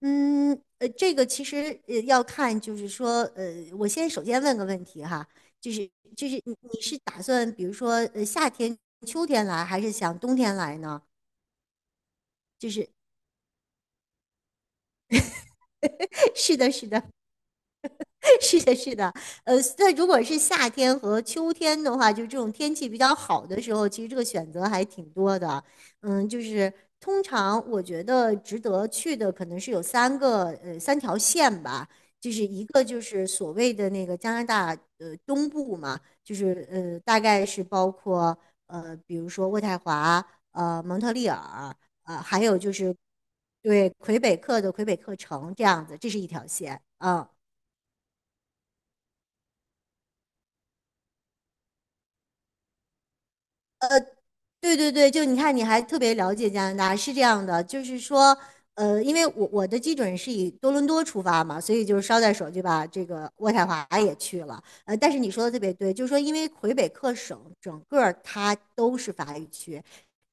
嗯，这个其实要看，就是说，我首先问个问题哈，就是就是你是打算，比如说，夏天、秋天来，还是想冬天来呢？就是 是的，是的，是的，是的，那如果是夏天和秋天的话，就这种天气比较好的时候，其实这个选择还挺多的。嗯，就是通常我觉得值得去的可能是有三条线吧，就是一个就是所谓的那个加拿大东部嘛，就是大概是包括比如说渥太华、蒙特利尔，还有就是对魁北克的魁北克城这样子，这是一条线啊。对对对，就你看，你还特别了解加拿大，是这样的，就是说，因为我的基准是以多伦多出发嘛，所以就是捎带手就把这个渥太华也去了。但是你说的特别对，就是说，因为魁北克省整个儿它都是法语区，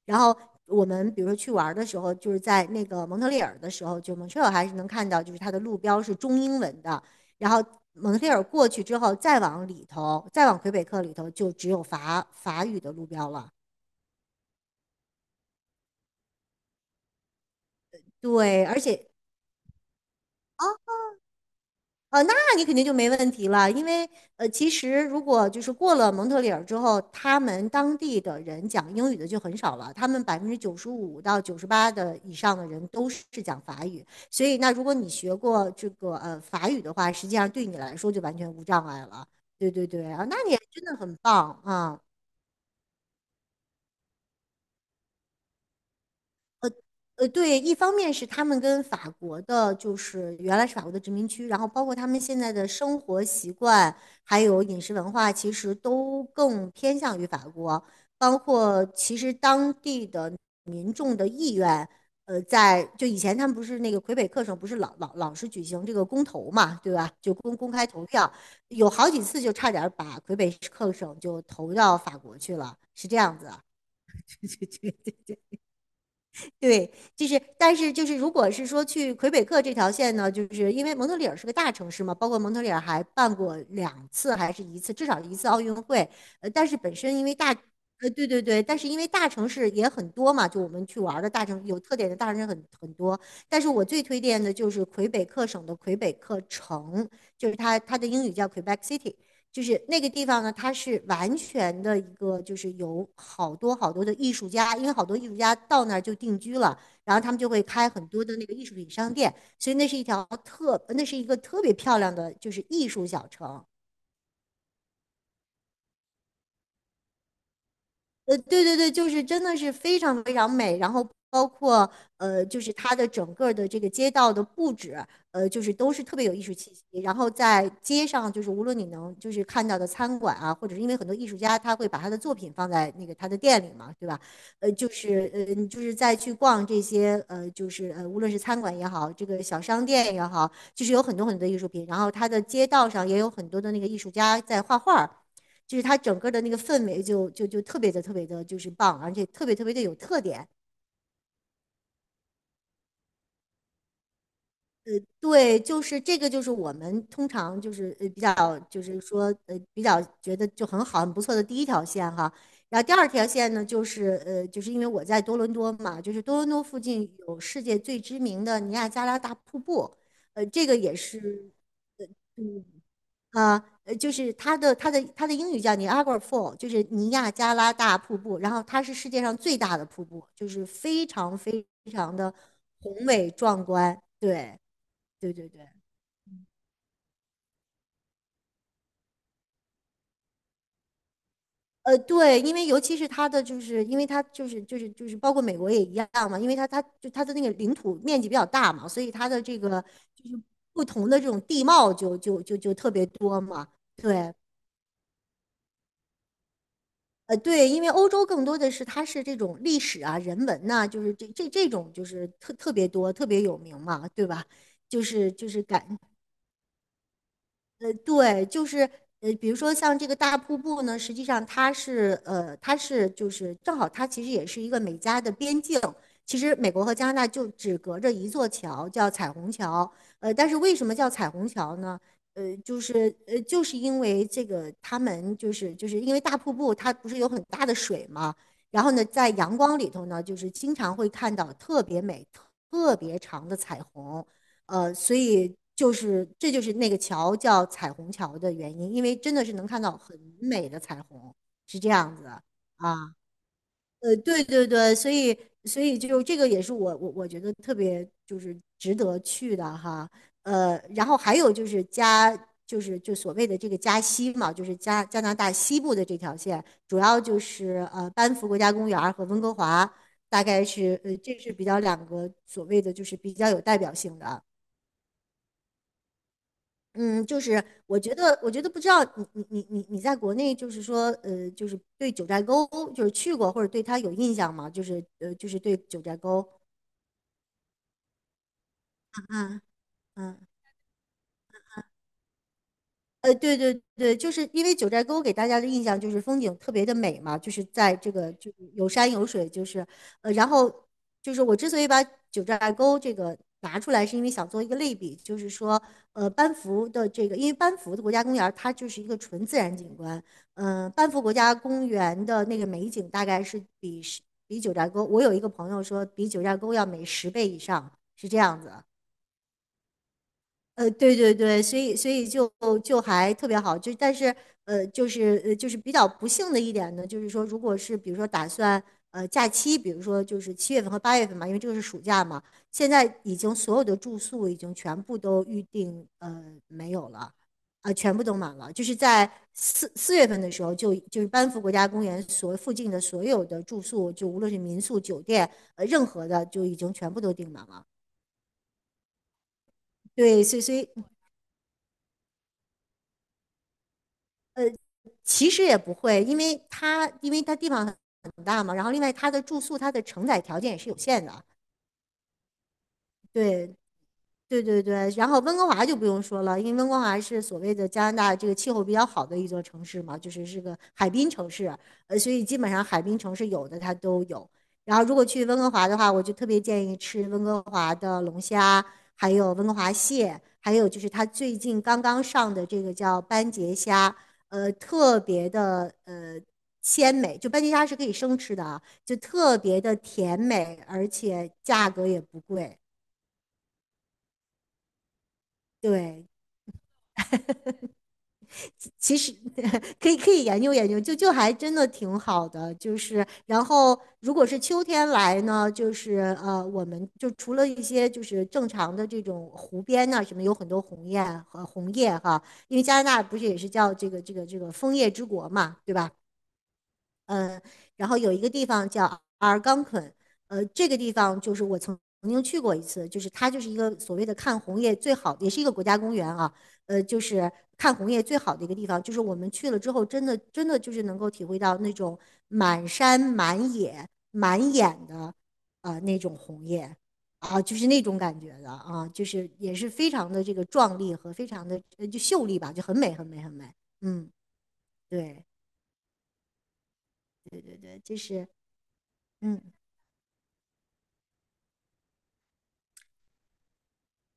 然后我们比如说去玩儿的时候，就是在那个蒙特利尔的时候，就蒙特利尔还是能看到，就是它的路标是中英文的。然后蒙特利尔过去之后，再往里头，再往魁北克里头，就只有法语的路标了。对，而且那你肯定就没问题了，因为其实如果就是过了蒙特利尔之后，他们当地的人讲英语的就很少了，他们95%到98%的以上的人都是讲法语，所以那如果你学过这个法语的话，实际上对你来说就完全无障碍了。对对对啊，那你真的很棒啊！对，一方面是他们跟法国的，就是原来是法国的殖民区，然后包括他们现在的生活习惯，还有饮食文化，其实都更偏向于法国。包括其实当地的民众的意愿，在就以前他们不是那个魁北克省不是老是举行这个公投嘛，对吧？就公开投票，有好几次就差点把魁北克省就投到法国去了，是这样子。对对对。对，就是，但是就是，如果是说去魁北克这条线呢，就是因为蒙特利尔是个大城市嘛，包括蒙特利尔还办过两次还是一次，至少一次奥运会。但是本身因为大，对对对，但是因为大城市也很多嘛，就我们去玩儿的大城有特点的大城市很多。但是我最推荐的就是魁北克省的魁北克城，就是它的英语叫 Quebec City。就是那个地方呢，它是完全的一个，就是有好多好多的艺术家，因为好多艺术家到那儿就定居了，然后他们就会开很多的那个艺术品商店，所以那是一个特别漂亮的，就是艺术小城。对对对，就是真的是非常非常美，然后包括就是它的整个的这个街道的布置，就是都是特别有艺术气息。然后在街上，就是无论你能就是看到的餐馆啊，或者是因为很多艺术家他会把他的作品放在那个他的店里嘛，对吧？就是你就是再去逛这些就是无论是餐馆也好，这个小商店也好，就是有很多很多的艺术品。然后它的街道上也有很多的那个艺术家在画画。就是它整个的那个氛围就特别的特别的，就是棒，而且特别特别的有特点。对，就是这个，就是我们通常就是比较就是说比较觉得就很好很不错的第一条线哈。然后第二条线呢，就是就是因为我在多伦多嘛，就是多伦多附近有世界最知名的尼亚加拉大瀑布，这个也是嗯啊，就是它的英语叫 Niagara Fall，就是尼亚加拉大瀑布。然后它是世界上最大的瀑布，就是非常非常的宏伟壮观。对，对对对，对，因为尤其是它的，就是因为它包括美国也一样嘛，因为它就它的那个领土面积比较大嘛，所以它的这个就是不同的这种地貌就特别多嘛。对，对，因为欧洲更多的是它是这种历史啊、人文呐、就是这种就是特别多、特别有名嘛，对吧？就是就是感对，就是比如说像这个大瀑布呢，实际上它是它是就是正好它其实也是一个美加的边境。其实美国和加拿大就只隔着一座桥，叫彩虹桥。但是为什么叫彩虹桥呢？就是就是因为这个他们因为大瀑布它不是有很大的水嘛，然后呢，在阳光里头呢，就是经常会看到特别美、特别长的彩虹。所以就是这就是那个桥叫彩虹桥的原因，因为真的是能看到很美的彩虹，是这样子啊。对对对，所以所以就这个也是我觉得特别就是值得去的哈。然后还有就是就是就所谓的这个加西嘛，就是加拿大西部的这条线，主要就是班夫国家公园儿和温哥华，大概是这是比较两个所谓的就是比较有代表性的。嗯，就是我觉得，我觉得不知道你在国内，就是说，就是对九寨沟就是去过或者对它有印象吗？就是就是对九寨沟，嗯嗯。对对对，就是因为九寨沟给大家的印象就是风景特别的美嘛，就是在这个就是有山有水，就是然后就是我之所以把九寨沟这个拿出来，是因为想做一个类比，就是说班夫的这个，因为班夫的国家公园儿它就是一个纯自然景观，班夫国家公园的那个美景大概是比九寨沟，我有一个朋友说比九寨沟要美10倍以上，是这样子啊。对对对，所以所以就就还特别好，就但是就是就是比较不幸的一点呢，就是说，如果是比如说打算假期，比如说就是7月份和8月份嘛，因为这个是暑假嘛，现在已经所有的住宿已经全部都预定没有了，啊、全部都满了，就是在4月份的时候就是班夫国家公园所附近的所有的住宿，就无论是民宿、酒店，任何的就已经全部都订满了。对，所以所以其实也不会，因为因为它地方很大嘛，然后另外它的住宿它的承载条件也是有限的。对，对对对，然后温哥华就不用说了，因为温哥华是所谓的加拿大这个气候比较好的一座城市嘛，就是是个海滨城市，所以基本上海滨城市有的它都有。然后如果去温哥华的话，我就特别建议吃温哥华的龙虾，还有温哥华蟹，还有就是它最近刚刚上的这个叫斑节虾，特别的鲜美，就斑节虾是可以生吃的啊，就特别的甜美，而且价格也不贵。对，其实 可以研究研究，就还真的挺好的。就是然后如果是秋天来呢，我们就除了一些就是正常的这种湖边呐、什么，有很多红叶和红叶哈，因为加拿大不是也是叫这个枫叶之国嘛，对吧？嗯，然后有一个地方叫阿尔冈昆，呃，这个地方就是我曾经去过一次，就是它就是一个所谓的看红叶最好，也是一个国家公园啊，呃，就是看红叶最好的一个地方，就是我们去了之后，真的就是能够体会到那种满山满野满眼的那种红叶。啊，就是那种感觉的啊，就是也是非常的这个壮丽和非常的就秀丽吧，就很美。嗯，对对，这是嗯。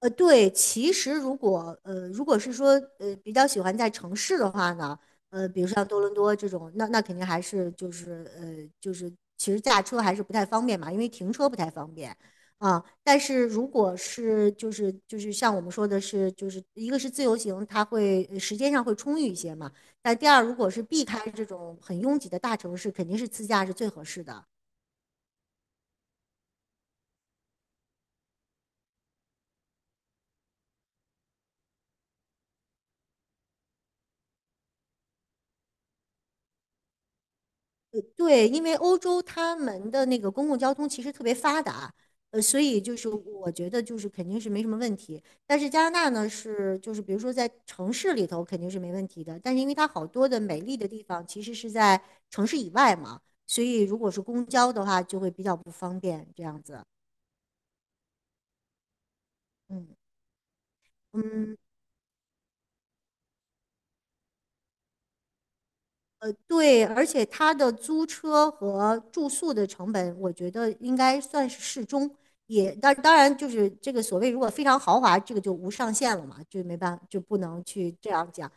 对，其实如果是说比较喜欢在城市的话呢，呃，比如像多伦多这种，那肯定还是就是其实驾车还是不太方便嘛，因为停车不太方便啊。但是如果像我们说的是，就是一个是自由行，它会时间上会充裕一些嘛。但第二，如果是避开这种很拥挤的大城市，肯定是自驾是最合适的。对，因为欧洲他们的那个公共交通其实特别发达，所以就是我觉得就是肯定是没什么问题。但是加拿大呢是就是比如说在城市里头肯定是没问题的，但是因为它好多的美丽的地方其实是在城市以外嘛，所以如果是公交的话就会比较不方便这样子。嗯嗯，对，而且它的租车和住宿的成本，我觉得应该算是适中。也，当然就是这个所谓如果非常豪华，这个就无上限了嘛，就没办法就不能去这样讲。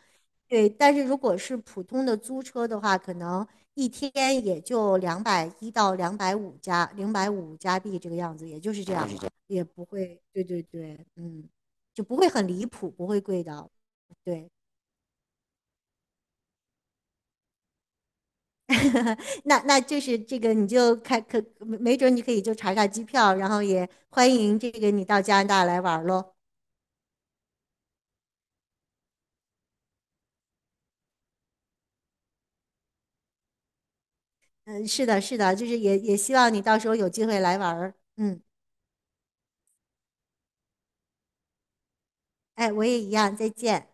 对，但是如果是普通的租车的话，可能一天也就210到250加050加币这个样子，也就是这样了，也不会，对对对，嗯，就不会很离谱，不会贵的，对。那就是这个，你就开可没准你可以就查查机票，然后也欢迎这个你到加拿大来玩喽。嗯，是的，是的，就是也希望你到时候有机会来玩儿。嗯，哎，我也一样，再见。